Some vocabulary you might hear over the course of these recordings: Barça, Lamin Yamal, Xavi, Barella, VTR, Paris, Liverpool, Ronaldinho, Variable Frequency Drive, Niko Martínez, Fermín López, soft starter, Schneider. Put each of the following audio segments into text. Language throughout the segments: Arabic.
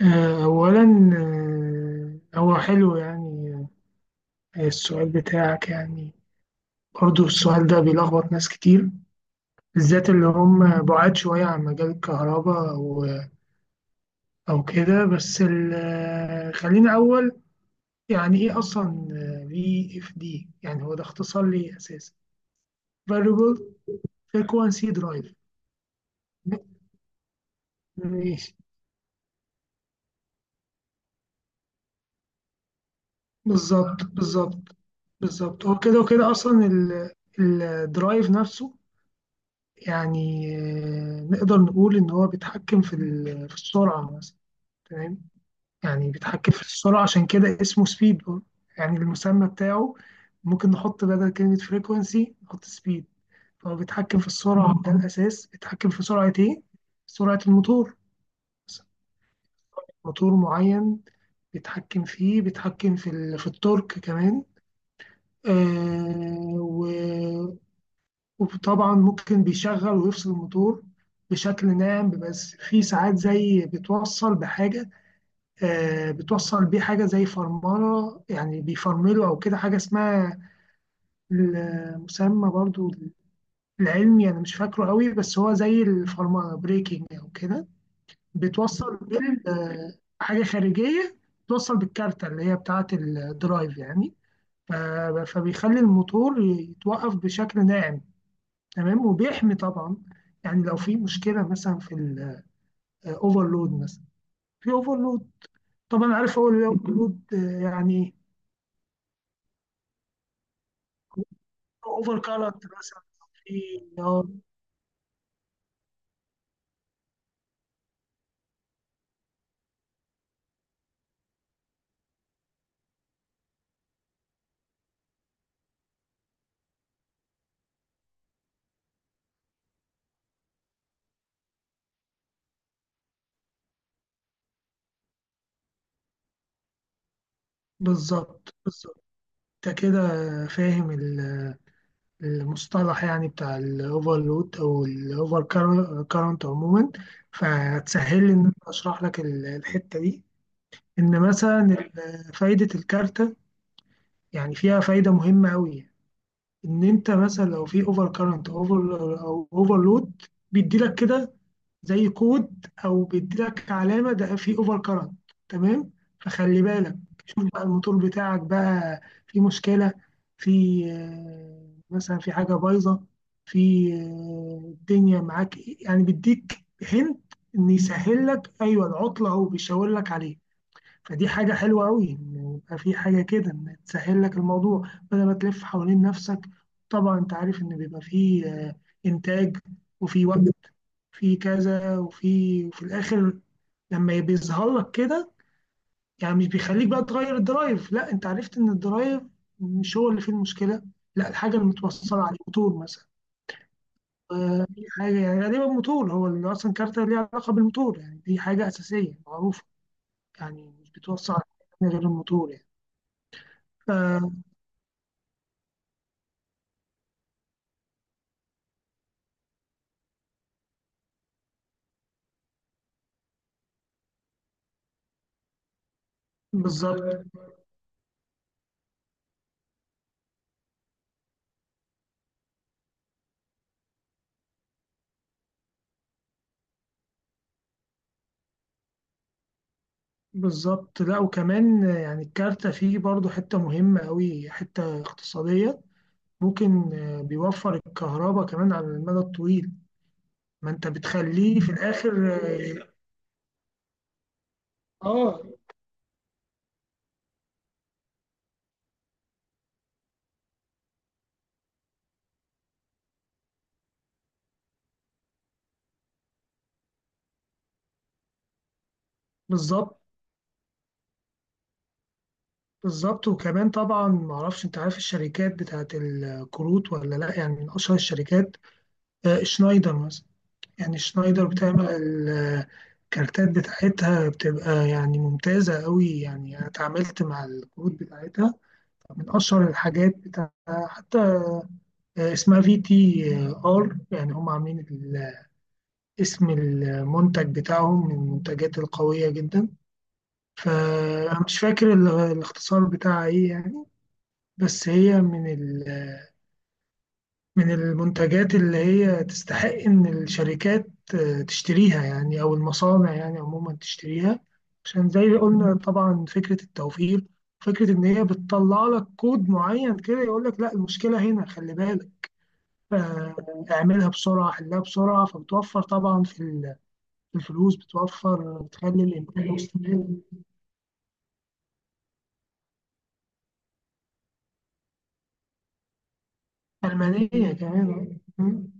أولا. هو حلو يعني. السؤال بتاعك يعني. برضو السؤال ده بيلخبط ناس كتير، بالذات اللي هم بعاد شوية عن مجال الكهرباء أو كده. بس خلينا أول يعني إيه أصلا VFD. يعني هو ده اختصار ليه أساسا؟ Variable Frequency Drive. ماشي. بالظبط، بالظبط، بالظبط، هو كده وكده أصلا. الدرايف نفسه، يعني نقدر نقول إن هو بيتحكم في السرعة مثلا. تمام. يعني بيتحكم في السرعة، عشان كده اسمه سبيد. يعني المسمى بتاعه ممكن نحط بدل كلمة فريكونسي نحط سبيد. فهو بيتحكم في السرعة، ده الأساس. بيتحكم في سرعة إيه؟ سرعة الموتور مثلا، موتور معين. بيتحكم فيه، بيتحكم في التورك كمان. آه وطبعا ممكن بيشغل ويفصل الموتور بشكل ناعم. بس في ساعات زي بتوصل بحاجة، بتوصل بيه حاجة زي فرملة. يعني بيفرمله أو كده، حاجة اسمها المسمى برضو العلمي أنا مش فاكره قوي، بس هو زي الفرملة، بريكنج أو كده. بتوصل بيه حاجة خارجية، بتوصل بالكارتة اللي هي بتاعة الدرايف يعني. ف- فبيخلي الموتور يتوقف بشكل ناعم. تمام. وبيحمي طبعا، يعني لو في مشكله مثلا في الاوفرلود، مثلا في اوفرلود. طبعا عارف هو الاوفرلود يعني، اوفر كارنت مثلا، في نار. بالظبط، بالظبط. انت كده فاهم المصطلح يعني بتاع الاوفرلود او الاوفر كارنت عموما. فهتسهل لي ان انا اشرح لك الحته دي. ان مثلا فايده الكارته يعني فيها فايده مهمه قوي. ان انت مثلا لو في اوفر كارنت، او اوفر لود، بيدي لك كده زي كود، او بيدي لك علامه ده في اوفر كارنت. تمام. فخلي بالك، شوف بقى الموتور بتاعك بقى في مشكله، في مثلا في حاجه بايظه، في الدنيا معاك إيه. يعني بيديك هنت ان يسهل لك، ايوه، العطله هو بيشاور لك عليه. فدي حاجة حلوة أوي، إن يبقى في حاجة كده إن تسهل لك الموضوع بدل ما تلف حوالين نفسك. طبعا أنت عارف إن بيبقى في إنتاج، وفي وقت، في كذا، وفي الآخر لما بيظهر لك كده، يعني مش بيخليك بقى تغير الدرايف. لا، أنت عرفت إن الدرايف مش هو اللي فيه المشكلة، لا الحاجة المتوصلة عليه، موتور مثلا. دي حاجة يعني غالبا موتور، هو اللي أصلا كارت ليه علاقة بالموتور، يعني دي حاجة أساسية معروفة. يعني مش بتوصل على حاجة غير الموتور يعني. بالظبط، بالظبط. لا، وكمان يعني الكارتة فيه برضو حتة مهمة أوي، حتة اقتصادية. ممكن بيوفر الكهرباء كمان على المدى الطويل. ما أنت بتخليه في الآخر آه، بالظبط، بالظبط. وكمان طبعا معرفش، أنت عارف الشركات بتاعت الكروت ولا لأ؟ يعني من أشهر الشركات شنايدر مثلا. يعني شنايدر بتعمل الكارتات بتاعتها، بتبقى يعني ممتازة أوي. يعني أنا اتعاملت مع الكروت بتاعتها، من اشهر الحاجات بتاع، حتى اسمها VTR. يعني هم عاملين اسم المنتج بتاعهم، من المنتجات القويه جدا. فانا مش فاكر الاختصار بتاعها ايه يعني. بس هي من المنتجات اللي هي تستحق ان الشركات تشتريها، يعني او المصانع يعني عموما تشتريها. عشان زي ما قلنا طبعا فكره التوفير، فكره ان هي بتطلع لك كود معين كده يقول لك لا المشكله هنا، خلي بالك. آه، اعملها بسرعه، حلها بسرعه، فبتوفر طبعا في الفلوس، بتوفر، بتخلي الانتاج مستمر. الماليه كمان. آه. مم.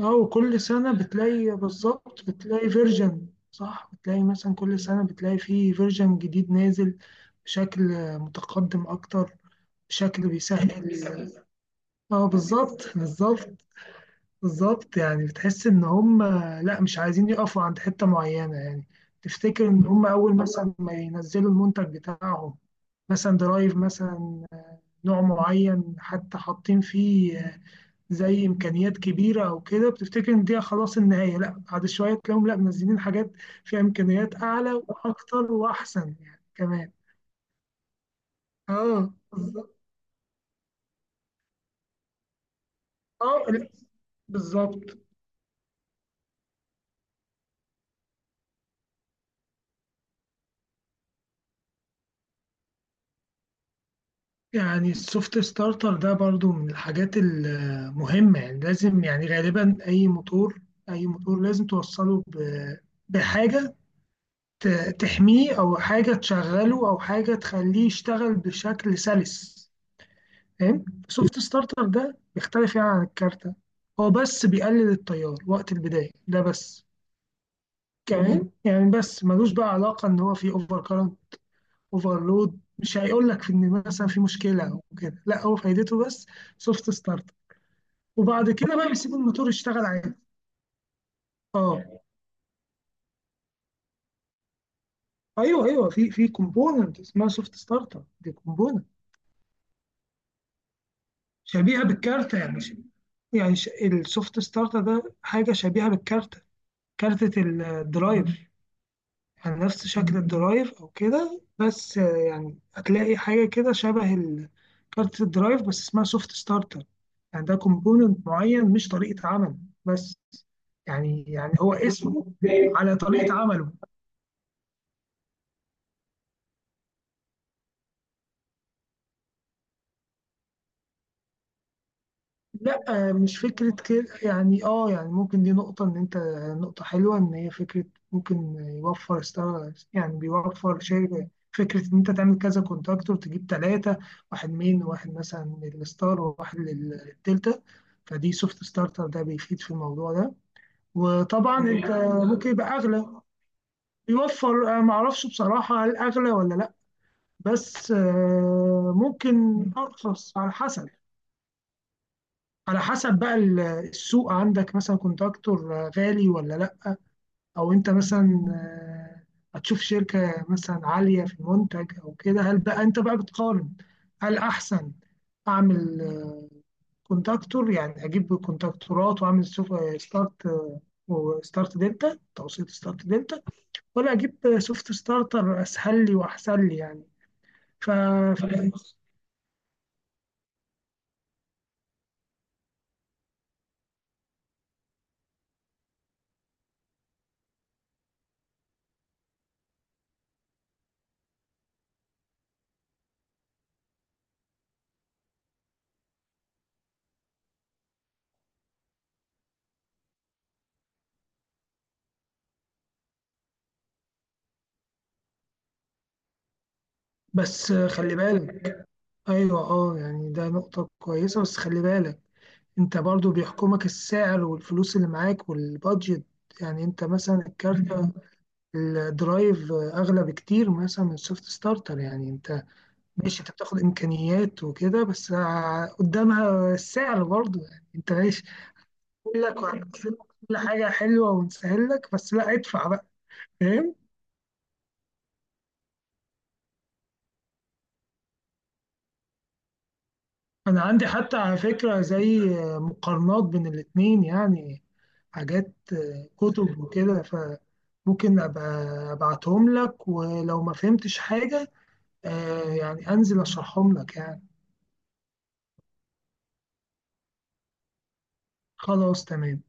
اه، وكل سنه بتلاقي، بالظبط، بتلاقي فيرجن صح، بتلاقي مثلا كل سنه بتلاقي فيه فيرجن جديد نازل بشكل متقدم اكتر، بشكل بيسهل. اه، بالظبط، بالظبط. بالظبط، يعني بتحس ان هم لا مش عايزين يقفوا عند حتة معينة يعني. تفتكر ان هم اول مثلا ما ينزلوا المنتج بتاعهم، مثلا درايف مثلا، نوع معين، حتى حاطين فيه زي امكانيات كبيرة او كده، بتفتكر ان دي خلاص النهاية، لا بعد شوية تلاقيهم لا منزلين حاجات فيها امكانيات اعلى واكتر واحسن يعني كمان. اه، بالظبط. اه، بالظبط. يعني السوفت ستارتر ده برضو من الحاجات المهمة. يعني لازم يعني غالبا أي موتور لازم توصله بحاجة تحميه، أو حاجة تشغله، أو حاجة تخليه يشتغل بشكل سلس. فاهم؟ السوفت ستارتر ده بيختلف يعني عن الكارتة. هو بس بيقلل التيار وقت البداية، ده بس كمان يعني. بس ملوش بقى علاقة إن هو في اوفرلود، مش هيقول لك ان مثلا في مشكله او كده، لا هو فايدته بس سوفت ستارت، وبعد كده بقى بيسيب الموتور يشتغل عادي. اه، ايوه، ايوه، في كومبوننت اسمها سوفت ستارت، دي كومبوننت شبيهه بالكارت. يعني السوفت ستارت ده حاجه شبيهه بالكارت، كارتة الدرايف. يعني نفس شكل الدرايف او كده، بس يعني هتلاقي حاجه كده شبه كارت الدرايف، بس اسمها سوفت ستارتر. يعني ده كومبوننت معين، مش طريقه عمل بس. يعني هو اسمه على طريقه عمله. لا مش فكرة كده يعني. اه، يعني ممكن دي نقطة ان انت، نقطة حلوة، ان هي فكرة ممكن يوفر يعني بيوفر شيء. فكرة ان انت تعمل كذا كونتاكتور، تجيب ثلاثة، واحد مثلا للستار، وواحد للدلتا. فدي، سوفت ستارتر ده بيفيد في الموضوع ده. وطبعا انت ممكن يبقى اغلى، بيوفر معرفش بصراحة هل اغلى ولا لا. بس ممكن ارخص على حسب. على حسب بقى السوق، عندك مثلا كونتراكتور غالي ولا لا، او انت مثلا هتشوف شركة مثلا عالية في المنتج او كده، هل بقى انت بقى بتقارن هل احسن اعمل كونتراكتور، يعني اجيب كونتراكتورات واعمل ستارت، وستارت دلتا، توصيل ستارت دلتا، ولا اجيب سوفت ستارتر اسهل لي واحسن لي يعني. ف... ف- بس خلي بالك. ايوه، اه، يعني ده نقطة كويسة، بس خلي بالك انت برضو بيحكمك السعر والفلوس اللي معاك والبادجت. يعني انت مثلا الكارت الدرايف اغلى بكتير مثلا من السوفت ستارتر. يعني انت ماشي، انت بتاخد امكانيات وكده، بس قدامها السعر برضو. يعني انت ماشي يقول لك وهنقفل لك كل حاجه حلوه ونسهل لك، بس لا، ادفع بقى. فاهم؟ انا عندي حتى على فكره زي مقارنات بين الاتنين يعني، حاجات كتب وكده، فممكن أبقى أبعتهم لك. ولو ما فهمتش حاجة، يعني أنزل أشرحهم لك يعني. خلاص تمام.